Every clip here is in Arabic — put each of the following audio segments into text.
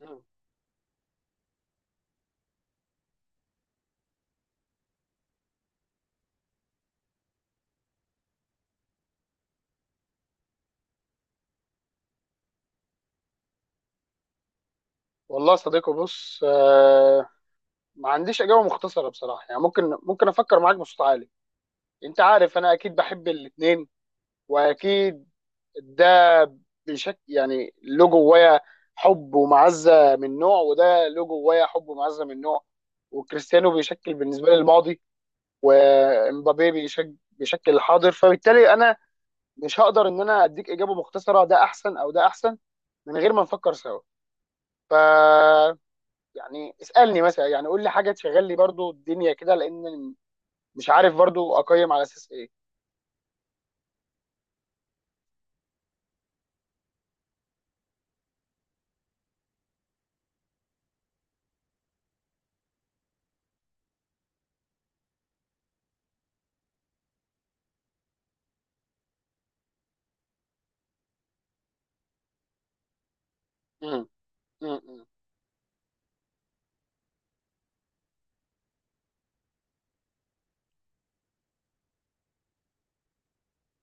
مم. والله يا صديقي بص ما عنديش اجابه مختصره بصراحه، يعني ممكن افكر معاك بصوت عالي. انت عارف انا اكيد بحب الاثنين، واكيد ده بشكل يعني له جوايا حب ومعزه من نوع، وده له جوايا حب ومعزه من نوع. وكريستيانو بيشكل بالنسبه لي الماضي، ومبابي بيشكل الحاضر، فبالتالي انا مش هقدر ان انا اديك اجابه مختصره، ده احسن او ده احسن، من غير ما نفكر سوا. يعني اسالني مثلا، يعني قول لي حاجه تشغل لي برضو الدنيا كده، لان مش عارف برضو اقيم على اساس ايه. مم. مم. مم.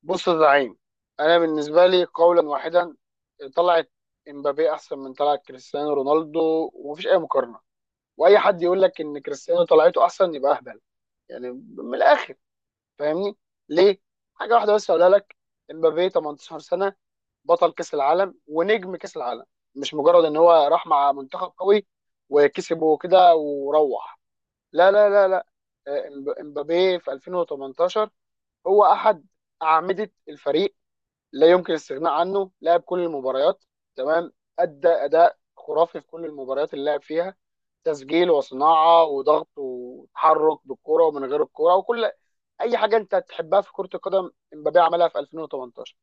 بص يا زعيم، انا بالنسبه لي قولا واحدا، طلعت امبابي احسن من طلعت كريستيانو رونالدو، ومفيش اي مقارنه. واي حد يقول لك ان كريستيانو طلعته احسن يبقى اهبل. يعني من الاخر، فاهمني؟ ليه؟ حاجه واحده بس اقولها لك. امبابي 18 سنه بطل كاس العالم ونجم كاس العالم. مش مجرد ان هو راح مع منتخب قوي وكسبه كده وروح. لا لا لا لا. امبابي في 2018 هو احد اعمده الفريق، لا يمكن الاستغناء عنه، لعب كل المباريات. تمام. ادى اداء خرافي في كل المباريات اللي لعب فيها. تسجيل وصناعه وضغط وتحرك بالكره ومن غير الكره، وكل اي حاجه انت تحبها في كره القدم امبابي عملها في 2018.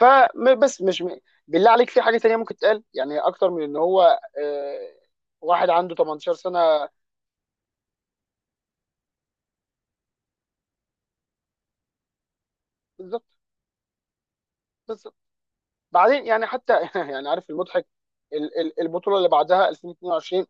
فبس مش م... بالله عليك في حاجه تانية ممكن تقال يعني اكتر من ان هو آه، واحد عنده 18 سنه؟ بالظبط بالظبط. بعدين يعني حتى يعني عارف المضحك، البطوله اللي بعدها 2022.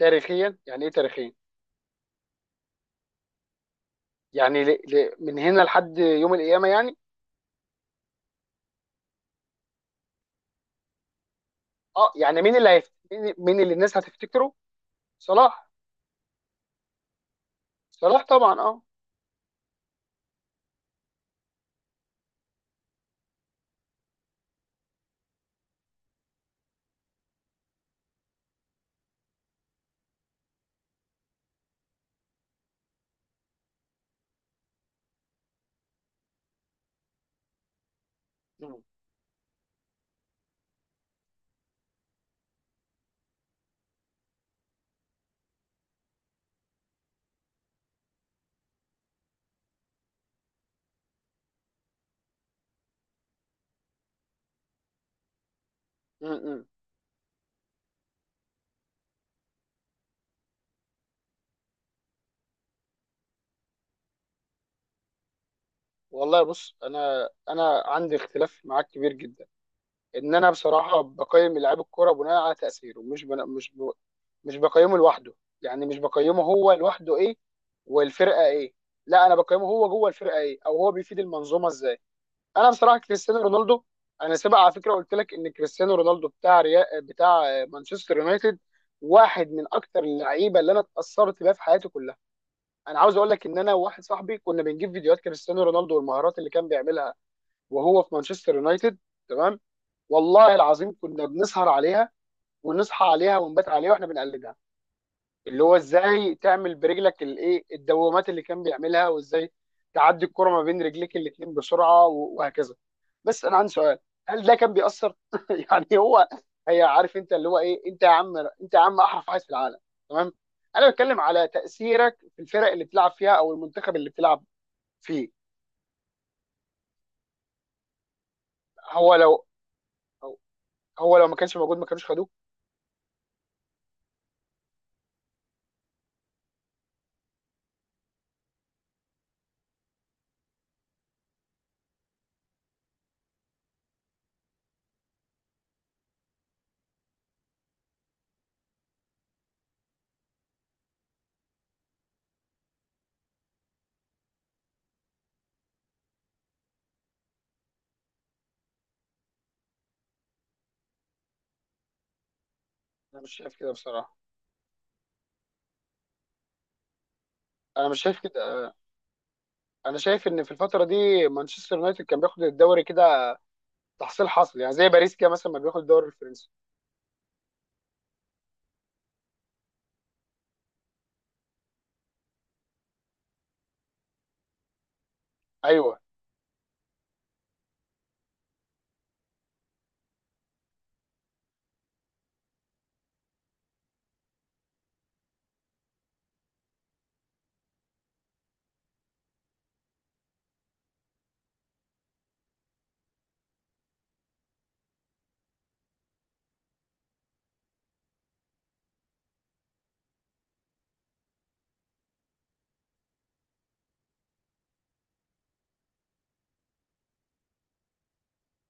تاريخيا يعني ايه تاريخيا؟ يعني من هنا لحد يوم القيامه يعني. اه يعني مين اللي الناس هتفتكره؟ صلاح. صلاح طبعا اه. م- م- م. والله بص، انا عندي اختلاف معاك كبير جدا، ان انا بصراحه بقيم لعيب الكوره بناء على تاثيره، مش بقيمه لوحده. يعني مش بقيمه هو لوحده ايه والفرقه ايه. لا، انا بقيمه هو جوه الفرقه ايه، او هو بيفيد المنظومه ازاي. انا بصراحه كريستيانو رونالدو، انا سبق على فكره قلت لك ان كريستيانو رونالدو بتاع مانشستر يونايتد واحد من اكتر اللعيبه اللي انا اتاثرت بيها في حياتي كلها. انا عاوز اقول لك ان انا وواحد صاحبي كنا بنجيب فيديوهات كريستيانو رونالدو والمهارات اللي كان بيعملها وهو في مانشستر يونايتد. تمام. والله العظيم كنا بنسهر عليها ونصحى عليها ونبات عليها واحنا بنقلدها. اللي هو ازاي تعمل برجلك الايه الدوامات اللي كان بيعملها، وازاي تعدي الكرة ما بين رجليك الاتنين بسرعة و- وهكذا. بس انا عندي سؤال. هل ده كان بيأثر يعني هو هي عارف انت اللي هو ايه انت يا عم، انت يا عم احرف عايز في العالم. تمام. انا بتكلم على تأثيرك في الفرق اللي بتلعب فيها او المنتخب اللي بتلعب فيه. هو لو هو لو ما كانش موجود ما كانوش خدوه. انا مش شايف كده بصراحة. انا مش شايف كده. انا شايف ان في الفتره دي مانشستر يونايتد كان بياخد الدوري كده، تحصيل حاصل، يعني زي باريس كده مثلا ما بياخد الدوري الفرنسي. ايوه.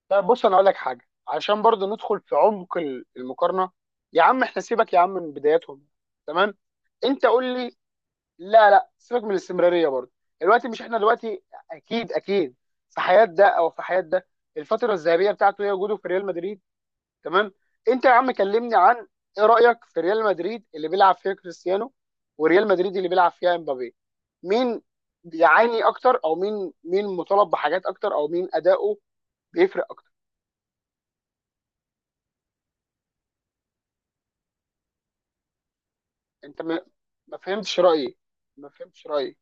طب بص انا اقول لك حاجه عشان برضو ندخل في عمق المقارنه. يا عم احنا سيبك يا عم من بداياتهم. تمام. انت قول لي، لا لا، سيبك من الاستمراريه برضو. دلوقتي مش احنا دلوقتي. اكيد اكيد. في حياه ده او في حياه ده، الفتره الذهبيه بتاعته هي وجوده في ريال مدريد. تمام. انت يا عم كلمني عن ايه رايك في ريال مدريد اللي بيلعب فيها كريستيانو وريال مدريد اللي بيلعب فيها امبابي؟ مين بيعاني اكتر، او مين مطالب بحاجات اكتر، او مين اداؤه بيفرق اكتر؟ انت ما فهمتش رايي. ما فهمتش رايي.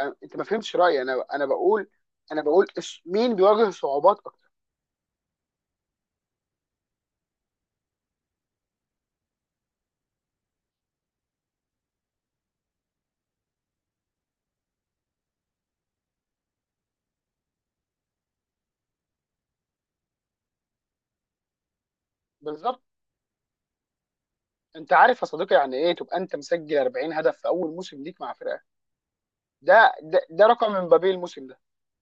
انت ما فهمتش رايي، انا بقول مين بيواجه صعوبات اكتر. بالظبط. انت عارف يا صديقي يعني ايه تبقى انت مسجل 40 هدف في اول موسم ليك مع فرقه؟ ده رقم امبابي الموسم ده.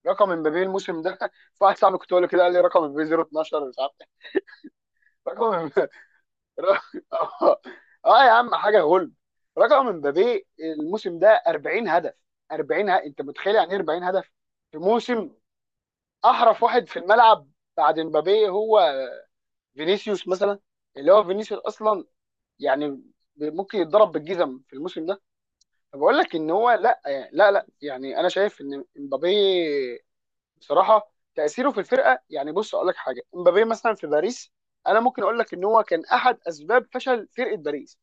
رقم امبابي الموسم ده في واحد صاحبي كنت بقول له كده، قال لي رقم امبابي 012 مش عارف إيه. رقم امبابي اه. آه يا عم حاجه غل. رقم امبابي الموسم ده 40 هدف. 40 انت متخيل يعني ايه 40 هدف في موسم احرف واحد في الملعب؟ بعد امبابي هو فينيسيوس مثلا. اللي هو فينيسيوس اصلا يعني ممكن يتضرب بالجزم في الموسم ده. فبقول لك ان هو لا، يعني لا لا، يعني انا شايف ان امبابي بصراحه تاثيره في الفرقه يعني. بص اقول لك حاجه، امبابي مثلا في باريس، انا ممكن اقول لك ان هو كان احد اسباب فشل فرقه باريس.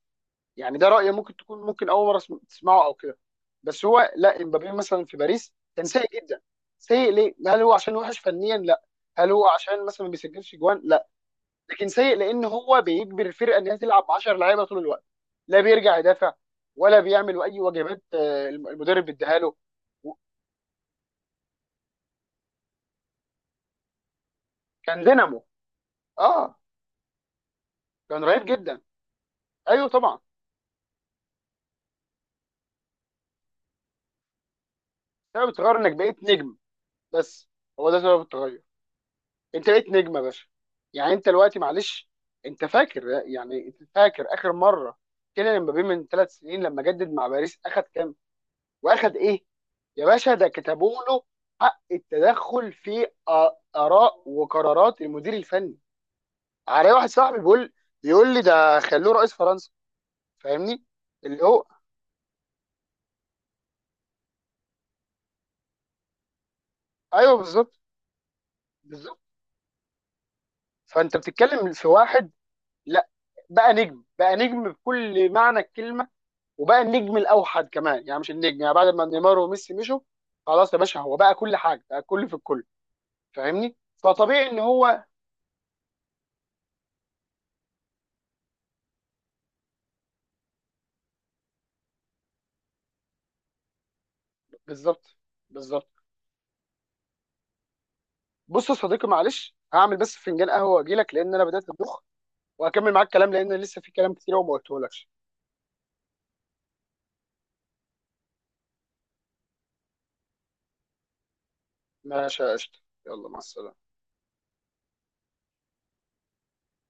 يعني ده راي ممكن تكون ممكن اول مره تسمعه او كده. بس هو لا، امبابي مثلا في باريس كان سيء جدا. سيء ليه؟ هل هو عشان وحش فنيا؟ لا. هل هو عشان مثلا ما بيسجلش جوان؟ لا. لكن سيء لان هو بيجبر الفرقه ان هي تلعب 10 لعيبه طول الوقت. لا بيرجع يدافع، ولا بيعمل اي واجبات المدرب اداها له. كان دينامو. اه كان رهيب جدا. ايوه طبعا. سبب التغير انك بقيت نجم. بس. هو ده سبب التغير. انت بقيت نجم يا باشا. يعني انت دلوقتي معلش. انت فاكر يعني، انت فاكر اخر مره كيليان امبابي من 3 سنين لما جدد مع باريس اخد كام واخد ايه؟ يا باشا، ده كتبوا له حق التدخل في اراء وقرارات المدير الفني. علي واحد صاحبي بيقول، بيقول لي ده خلوه رئيس فرنسا. فاهمني؟ اللي هو ايوه بالظبط. بالظبط. فانت بتتكلم في واحد، لا، بقى نجم بقى نجم بكل معنى الكلمه، وبقى النجم الاوحد كمان، يعني مش النجم يعني بعد ما نيمار وميسي مشوا. خلاص يا باشا هو بقى كل حاجه، بقى كل في الكل. فاهمني؟ فطبيعي ان هو بالظبط بالظبط. بص يا صديقي معلش، هعمل بس فنجان قهوه واجي لك لان انا بدات ادوخ، وهكمل معاك الكلام لان لسه في كلام كتير وما قلتهولكش. ماشي يا قشطه. يلا مع السلامه.